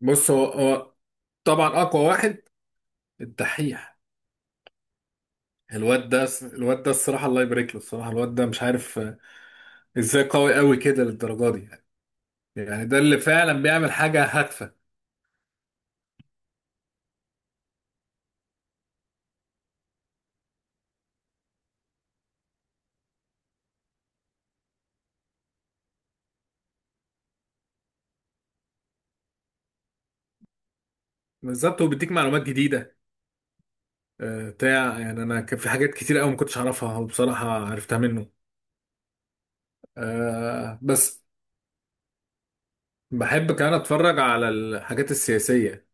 بص، هو طبعا اقوى واحد، الدحيح. الواد ده الصراحه، الله يبارك له. الصراحه الواد ده مش عارف ازاي قوي كده للدرجه دي يعني. يعني ده اللي فعلا بيعمل حاجه هادفه، بالظبط، وبيديك معلومات جديده. بتاع يعني انا كان في حاجات كتير قوي ما كنتش اعرفها وبصراحه عرفتها منه. بس بحب كمان اتفرج على الحاجات السياسيه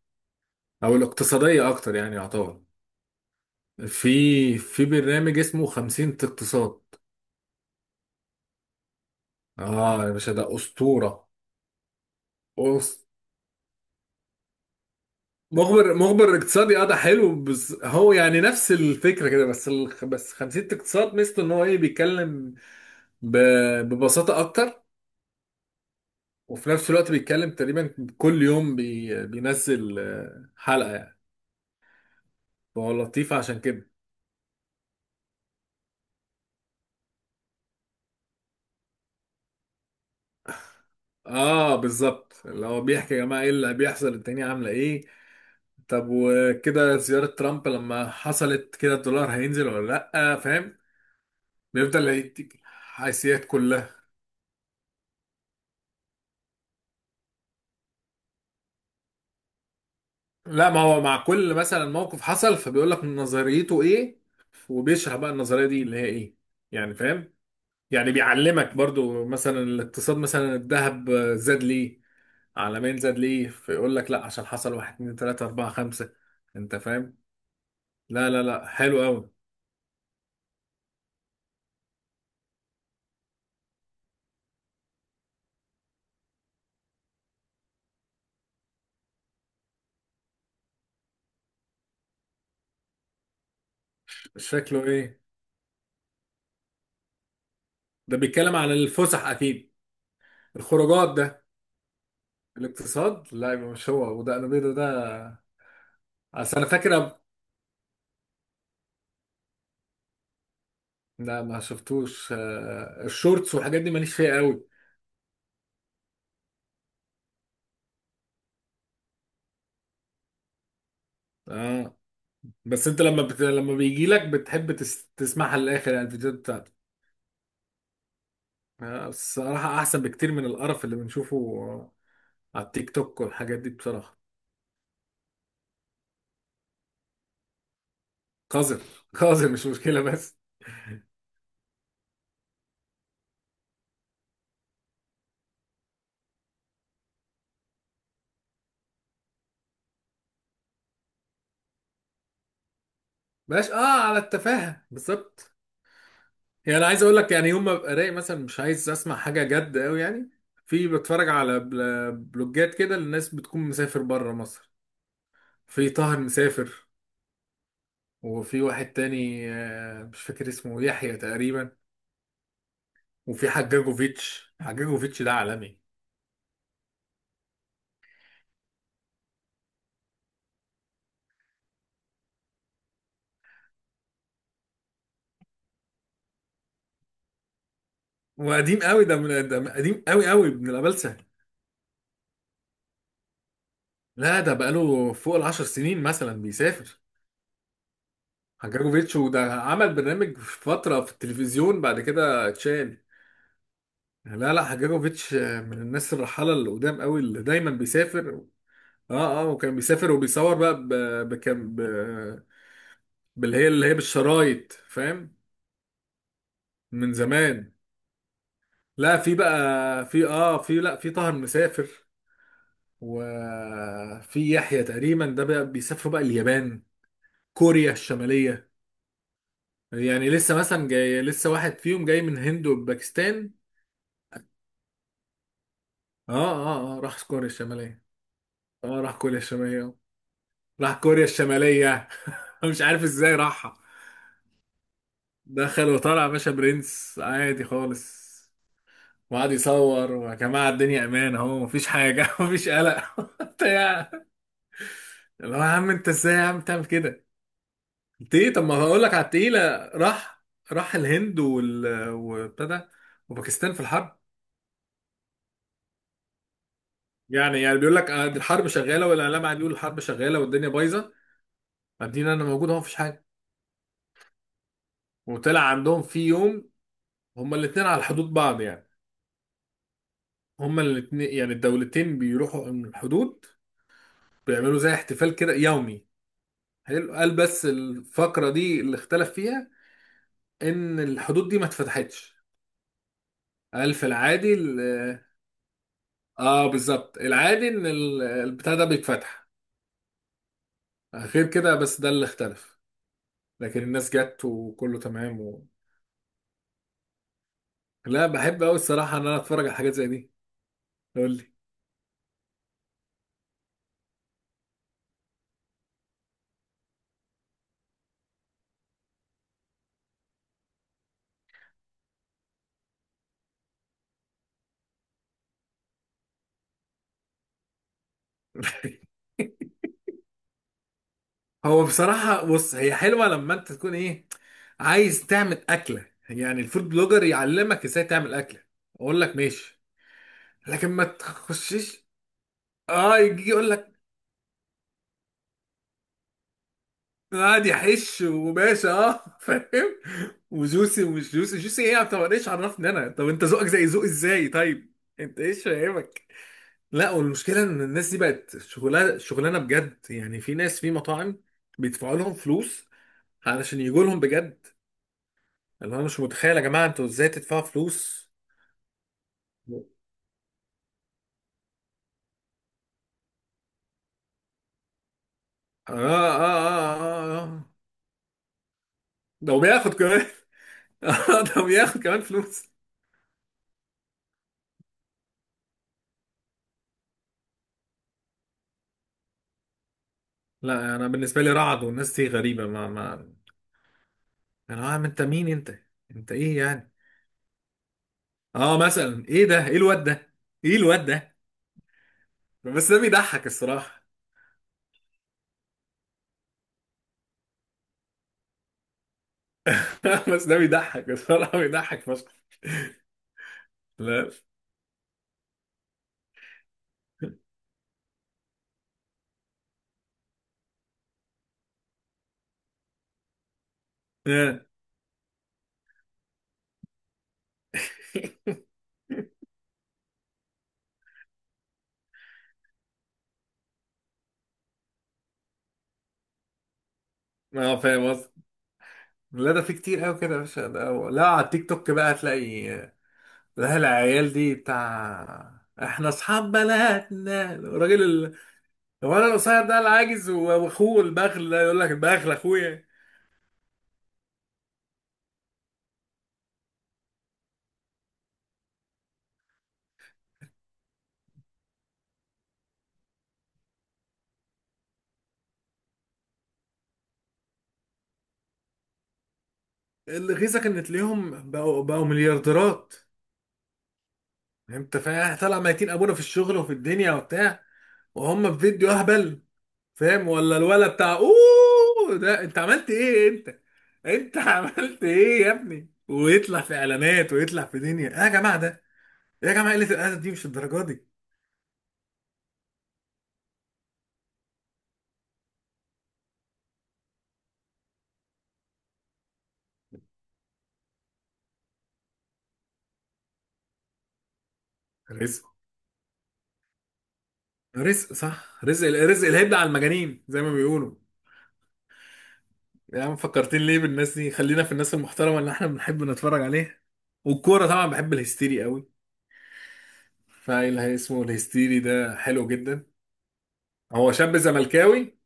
او الاقتصاديه اكتر، يعني يعتبر في برنامج اسمه 50 اقتصاد. اه يا باشا ده اسطوره. بص، مخبر اقتصادي اه، ده حلو، بس هو يعني نفس الفكره كده، بس خمسيه اقتصاد ميزته ان هو ايه، بيتكلم ب... ببساطه اكتر، وفي نفس الوقت بيتكلم تقريبا كل يوم، بينزل حلقه يعني، فهو لطيف عشان كده. اه بالظبط، اللي هو بيحكي يا جماعه ايه اللي بيحصل، الدنيا عامله ايه، طب وكده زياره ترامب لما حصلت كده الدولار هينزل ولا لا، فاهم؟ بيفضل يديك الحيثيات كلها. لا، ما هو مع كل مثلا موقف حصل، فبيقول لك نظريته ايه، وبيشرح بقى النظريه دي اللي هي ايه، يعني فاهم. يعني بيعلمك برضو مثلا الاقتصاد، مثلا الذهب زاد ليه عالميا، زاد ليه، فيقول لك لا، عشان حصل واحد اتنين تلاته اربعه خمسه. انت فاهم. لا لا لا، حلو قوي. شكله ايه؟ ده بيتكلم عن الفسح اكيد، الخروجات ده. الاقتصاد؟ لا يبقى مش هو، وده انا بيضه ده. اصل انا فاكر لا، ما شفتوش الشورتس والحاجات دي ماليش فيها قوي. اه، بس انت لما لما بيجي لك بتحب تسمعها للاخر، يعني الفيديوهات بتاعته. الصراحه احسن بكتير من القرف اللي بنشوفه على التيك توك والحاجات دي بصراحه. قذر قذر، مش مشكله بس. باش، اه، على التفاهه بالظبط. يعني انا عايز اقول لك يعني يوم ما ببقى رايق مثلا مش عايز اسمع حاجه جد قوي يعني. في بتفرج على بلوجات كده للناس بتكون مسافر بره مصر. في طاهر مسافر، وفي واحد تاني مش فاكر اسمه يحيى تقريبا، وفي حجاجوفيتش. حجاجوفيتش ده عالمي وقديم قوي، ده من، ده قديم قوي قوي من الأبلسة. لا، ده بقاله فوق العشر سنين مثلا بيسافر حجاجوفيتش، وده عمل برنامج في فترة في التلفزيون بعد كده اتشال. لا لا، حجاجوفيتش من الناس الرحالة اللي قدام قوي، اللي دايما بيسافر. اه اه، وكان بيسافر وبيصور بقى بكم ب... باللي هي اللي هي بالشرايط، فاهم، من زمان. لا في بقى في اه في، لا في طاهر مسافر، وفي يحيى تقريبا ده بقى بيسافروا بقى اليابان، كوريا الشمالية، يعني لسه مثلا جاي، لسه واحد فيهم جاي من هند وباكستان. اه اه اه، راح كوريا الشمالية. اه راح كوريا الشمالية. راح كوريا الشمالية مش عارف ازاي راحها. دخل وطلع يا باشا، برنس عادي خالص، وقعد يصور، ويا جماعة الدنيا امان اهو، مفيش حاجة مفيش قلق بتاع. اللي هو يا عم انت ازاي يا عم تعمل كده. تيه، طب ما هقول لك على التقيلة. راح، راح الهند وابتدى وباكستان في الحرب. يعني بيقول لك دي الحرب شغالة، والإعلام قاعد يقول الحرب شغالة والدنيا بايظة، قاعدين، أنا موجود أهو مفيش حاجة. وطلع عندهم في يوم هما الاتنين على حدود بعض يعني، هما الاتنين يعني الدولتين بيروحوا من الحدود، بيعملوا زي احتفال كده يومي حلو، قال، بس الفقرة دي اللي اختلف فيها إن الحدود دي ما اتفتحتش. قال في العادي اه بالظبط، العادي ان البتاع ده بيتفتح غير كده، بس ده اللي اختلف، لكن الناس جت وكله تمام و... لا بحب قوي الصراحه ان انا اتفرج على حاجات زي دي. قول لي. هو بصراحه، بص هي حلوه لما انت تكون ايه، عايز تعمل اكله، يعني الفود بلوجر يعلمك ازاي تعمل اكله، اقول لك ماشي، لكن ما تخشش. اه يجي يقول لك. قاعد يحش، وباشا اه فاهم، وجوسي، ومش جوسي، جوسي ايه؟ طب انا ايش عرفني انا؟ طب انت ذوقك زي ذوقي ازاي، طيب؟ انت ايش فاهمك؟ لا، والمشكله ان الناس دي بقت شغلانه شغلانه بجد يعني. في ناس في مطاعم بيدفعوا لهم فلوس علشان يجوا لهم بجد. اللي انا مش متخيل، يا جماعه انتوا ازاي تدفعوا فلوس. اه اه اه اه، آه. ده وبياخد كمان ده وبياخد كمان فلوس. لا انا بالنسبه لي رعد والناس دي غريبه، ما انا، عم انت مين انت؟ انت ايه يعني؟ اه مثلا ايه ده، ايه الواد ده، ايه الواد ده. بس ده بيضحك الصراحه. بس ده بيضحك الصراحه، بيضحك فشخ. لا اه، فاهم قصدي. لا ده في كتير قوي كده يا باشا، ده هو. لا على التيك توك بقى هتلاقي. لا العيال دي بتاع احنا اصحاب بلدنا، الراجل هو انا، القصير ده العاجز واخوه البخل، ده يقول لك البخل اخويا. اللي غيظك ان تلاقيهم بقوا بقوا مليارديرات، يعني انت فاهم، إحنا طالع ميتين ابونا في الشغل وفي الدنيا وبتاع، وهم في فيديو اهبل، فاهم؟ ولا الولد بتاع اوه، ده انت عملت ايه انت، انت عملت ايه يا ابني، ويطلع في اعلانات ويطلع في دنيا، ايه يا جماعه ده، إيه يا جماعه، قله الادب دي مش الدرجه دي. رزق. رزق صح، رزق رزق الهبل على المجانين زي ما بيقولوا. يا عم فكرتين ليه بالناس دي، خلينا في الناس المحترمه اللي احنا بنحب نتفرج عليها. والكوره طبعا بحب الهستيري قوي، فايل اسمه الهستيري ده حلو جدا. هو شاب زملكاوي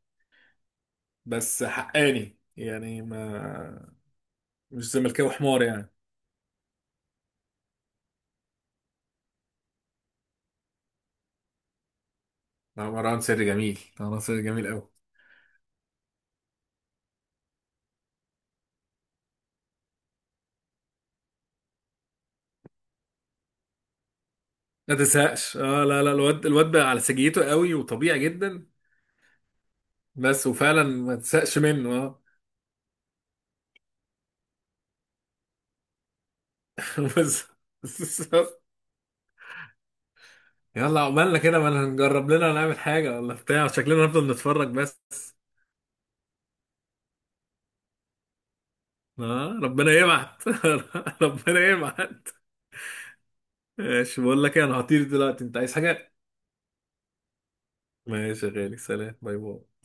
بس حقاني يعني، ما مش زملكاوي حمار يعني. لا مروان سري جميل، مروان سري جميل قوي. ما تزهقش اه، لا لا، الواد بقى على سجيته قوي وطبيعي جدا. بس وفعلا ما تزهقش منه اه بس بس- يلا عقبالنا كده، ما هنجرب لنا نعمل حاجة ولا بتاع، شكلنا هنفضل نتفرج بس. اه ربنا يبعت. ربنا يبعت. ماشي بقول لك إيه، انا هطير دلوقتي، انت عايز حاجة؟ ماشي يا غالي، سلام، باي باي